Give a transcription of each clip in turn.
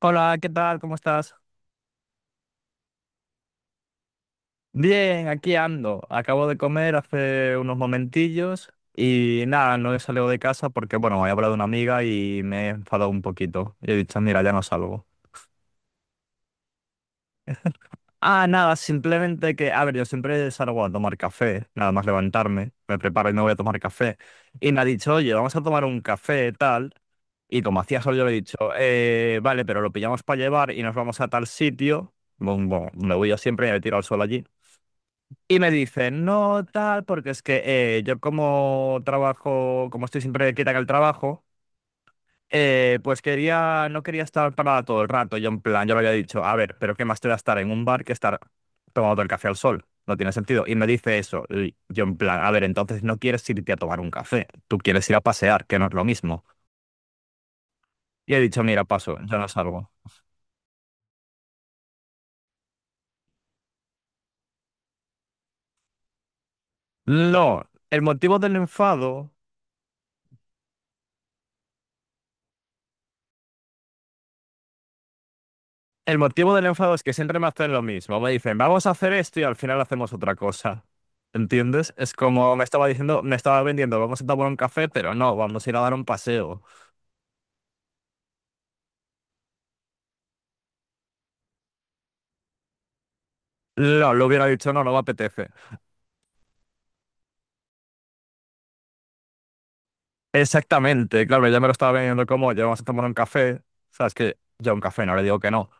Hola, ¿qué tal? ¿Cómo estás? Bien, aquí ando. Acabo de comer hace unos momentillos y nada, no he salido de casa porque, bueno, he hablado de una amiga y me he enfadado un poquito. Y he dicho, mira, ya no salgo. Ah, nada, simplemente que, a ver, yo siempre salgo a tomar café, nada más levantarme, me preparo y me voy a tomar café. Y me ha dicho, oye, vamos a tomar un café, tal. Y como hacía sol, yo le he dicho, Vale, pero lo pillamos para llevar y nos vamos a tal sitio. Bueno, me voy yo siempre y me tiro al sol allí. Y me dicen, no tal, porque es que yo como trabajo, como estoy siempre quieta en el trabajo, pues quería, no quería estar parada todo el rato. Yo en plan, yo le había dicho, a ver, pero ¿qué más te da estar en un bar que estar tomando el café al sol? No tiene sentido. Y me dice eso. Y yo en plan, a ver, entonces no quieres irte a tomar un café, tú quieres ir a pasear, que no es lo mismo. Y he dicho, mira, paso, yo no salgo. No, el motivo del enfado El motivo del enfado es que siempre me hacen lo mismo. Me dicen, vamos a hacer esto y al final hacemos otra cosa. ¿Entiendes? Es como me estaba diciendo, me estaba vendiendo, vamos a tomar un café, pero no, vamos a ir a dar un paseo. No, lo hubiera dicho, no, no me apetece. Exactamente, claro, ya me lo estaba vendiendo como, ya vamos a tomar un café. Sabes que yo a un café no le digo que no.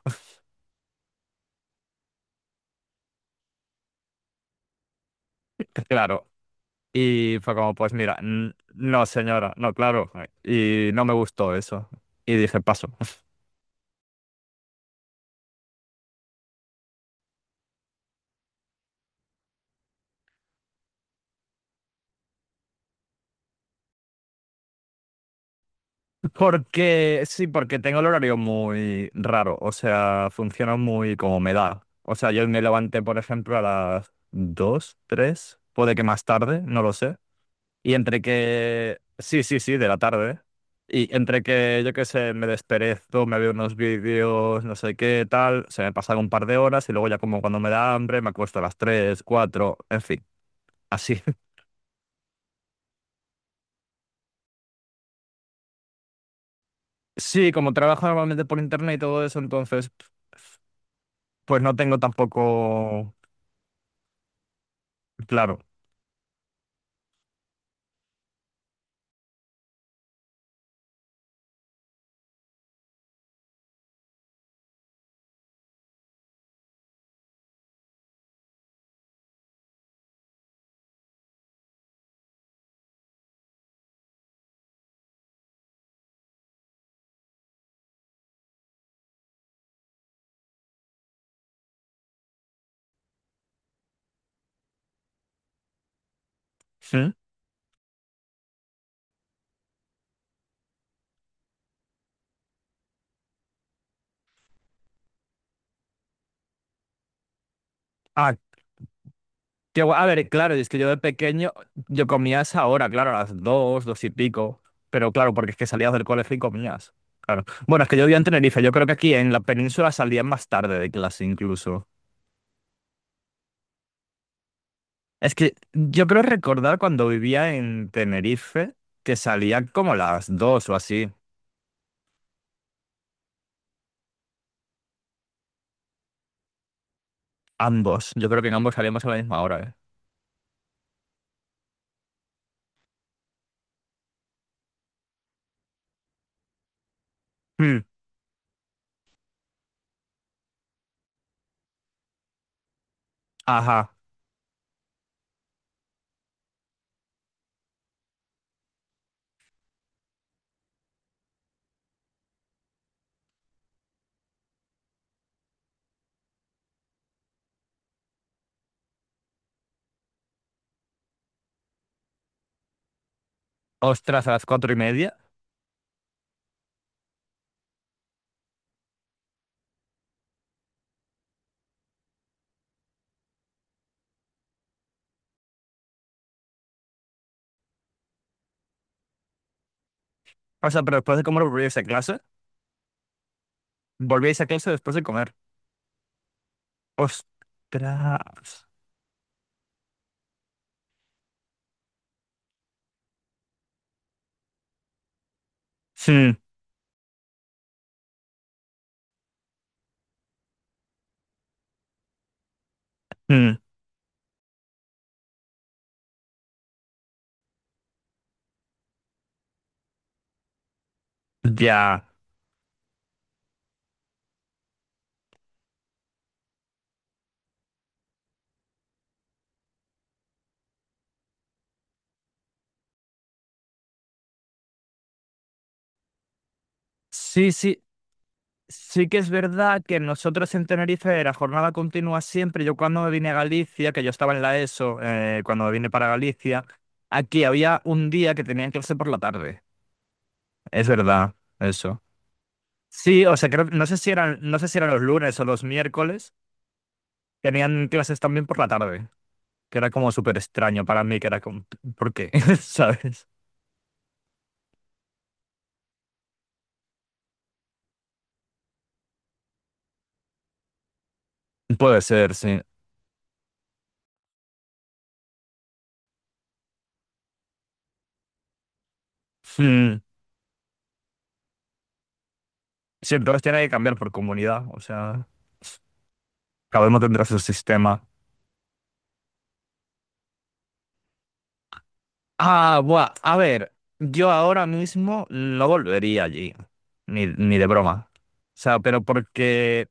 Claro. Y fue como, pues mira, no, señora, no, claro. Y no me gustó eso. Y dije, paso. Porque, sí, porque tengo el horario muy raro, o sea, funciona muy como me da. O sea, yo me levanté, por ejemplo, a las 2 3 puede que más tarde, no lo sé. Y entre que, sí, de la tarde. Y entre que, yo qué sé, me desperezo, me veo unos vídeos, no sé qué, tal, se me pasan un par de horas y luego ya como cuando me da hambre me acuesto a las 3 4 en fin, así. Sí, como trabajo normalmente por internet y todo eso, entonces, pues no tengo tampoco. Claro. Sí. Ah, qué guay. A ver, claro, es que yo de pequeño, yo comía a esa hora, claro, a las dos, dos y pico. Pero claro, porque es que salías del colegio y comías. Claro. Bueno, es que yo vivía en Tenerife. Yo creo que aquí en la península salían más tarde de clase incluso. Es que yo creo recordar cuando vivía en Tenerife que salía como a las dos o así. Ambos. Yo creo que en ambos salíamos a la misma hora, ¿eh? Mm, ajá. Ostras, a las cuatro y media. O sea, pero después de comer volvíais a clase. Volvíais a clase después de comer. Ostras. Hmm, hmm, ya. Sí, sí, sí que es verdad que nosotros en Tenerife la jornada continua siempre. Yo cuando me vine a Galicia, que yo estaba en la ESO, cuando me vine para Galicia, aquí había un día que tenían clase por la tarde. Es verdad, eso. Sí, o sea, no sé si eran, no sé si eran los lunes o los miércoles, tenían clases también por la tarde, que era como súper extraño para mí, que era como, ¿por qué? ¿Sabes? Puede ser, sí. Hmm, Sí, entonces tiene que cambiar por comunidad, o sea, cada uno tendrá su sistema. Ah, buah, a ver, yo ahora mismo no volvería allí, ni de broma. O sea, pero porque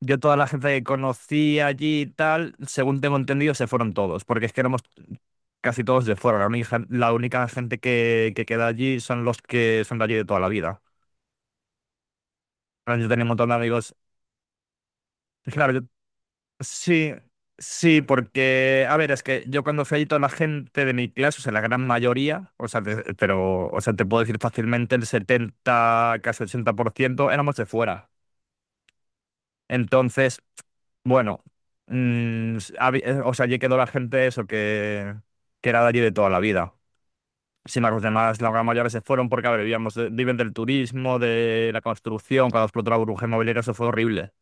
yo toda la gente que conocí allí y tal, según tengo entendido, se fueron todos, porque es que éramos casi todos de fuera. La única gente que queda allí son los que son de allí de toda la vida. Ahora yo tenía un montón de amigos. Claro, yo, sí, sí, porque, a ver, es que yo cuando fui allí toda la gente de mi clase, o sea, la gran mayoría, o sea, pero, o sea, te puedo decir fácilmente el 70 casi 80% éramos de fuera. Entonces, bueno, o sea, allí quedó la gente eso que era de allí de toda la vida. Sin embargo, los demás, la gran mayoría se fueron porque, a ver, vivíamos, viven del turismo, de la construcción, cuando explotó la burbuja inmobiliaria, eso fue horrible.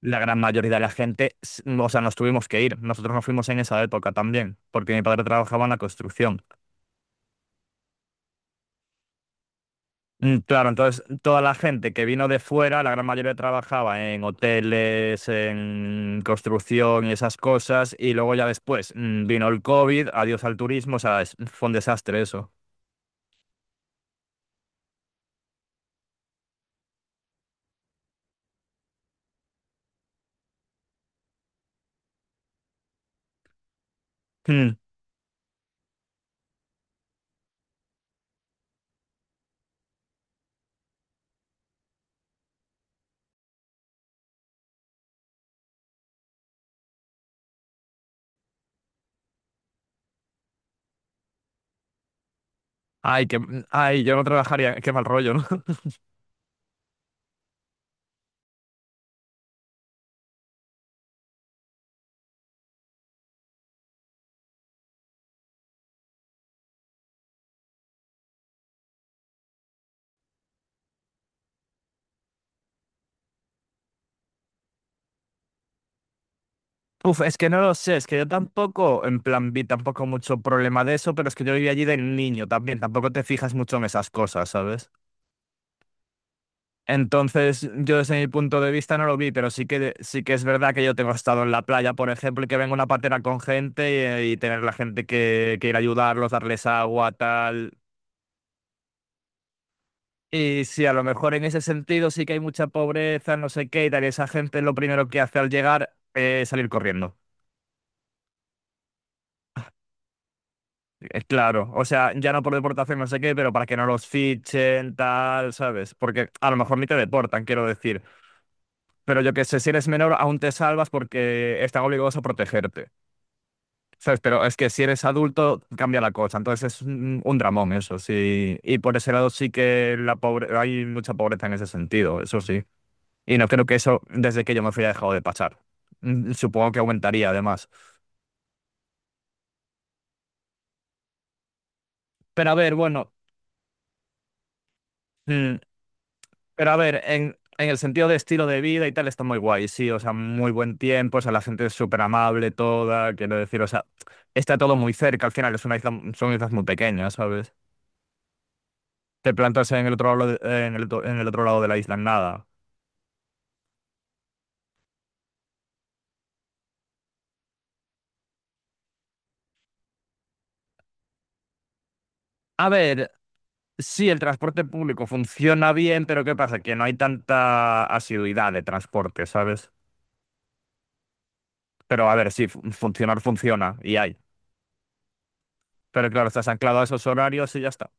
La gran mayoría de la gente, o sea, nos tuvimos que ir. Nosotros nos fuimos en esa época también, porque mi padre trabajaba en la construcción. Mm, claro, entonces toda la gente que vino de fuera, la gran mayoría trabajaba en hoteles, en construcción y esas cosas, y luego ya después vino el COVID, adiós al turismo, o sea, fue un desastre eso. Mm, ay, que, mm, ay, yo no trabajaría, qué mal rollo, ¿no? Uf, es que no lo sé, es que yo tampoco, en plan, vi tampoco mucho problema de eso, pero es que yo viví allí de niño también, tampoco te fijas mucho en esas cosas, ¿sabes? Entonces, yo desde mi punto de vista no lo vi, pero sí que es verdad que yo tengo estado en la playa, por ejemplo, y que venga una patera con gente y tener la gente que ir a ayudarlos, darles agua, tal. Y sí, a lo mejor en ese sentido sí que hay mucha pobreza, no sé qué, y tal, y esa gente lo primero que hace al llegar es salir corriendo. Claro, o sea, ya no por deportación, no sé qué, pero para que no los fichen, tal, ¿sabes? Porque a lo mejor ni te deportan, quiero decir. Pero yo que sé, si eres menor, aún te salvas porque están obligados a protegerte, ¿sabes? Pero es que si eres adulto, cambia la cosa. Entonces es un dramón eso, sí. Y por ese lado sí que la pobre... hay mucha pobreza en ese sentido, eso sí. Y no creo que eso, desde que yo me fui, haya dejado de pasar. Mm, supongo que aumentaría, además. Pero a ver, bueno. mm, Pero a ver, en el sentido de estilo de vida y tal, está muy guay, sí, o sea, muy buen tiempo, o sea, la gente es súper amable toda, quiero decir, o sea, está todo muy cerca, al final es una isla, son islas muy pequeñas, ¿sabes? Te plantas en el otro lado en el, en el otro lado de la isla, en nada. A ver, sí, el transporte público funciona bien, pero ¿qué pasa? Que no hay tanta asiduidad de transporte, ¿sabes? Pero a ver, sí, funcionar funciona y hay. Pero claro, estás anclado a esos horarios y ya está.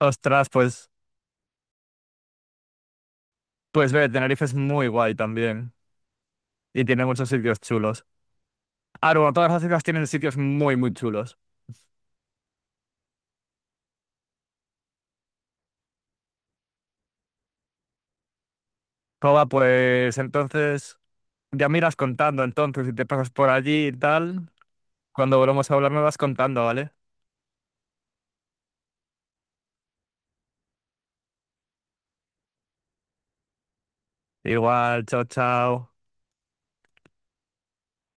Ostras, pues, pues ve, Tenerife es muy guay también, y tiene muchos sitios chulos. Ah, bueno, todas las islas tienen sitios muy, muy chulos. Joba, pues entonces ya miras contando entonces si te pasas por allí y tal. Cuando volvamos a hablar me vas contando, ¿vale? Igual, chao, chao.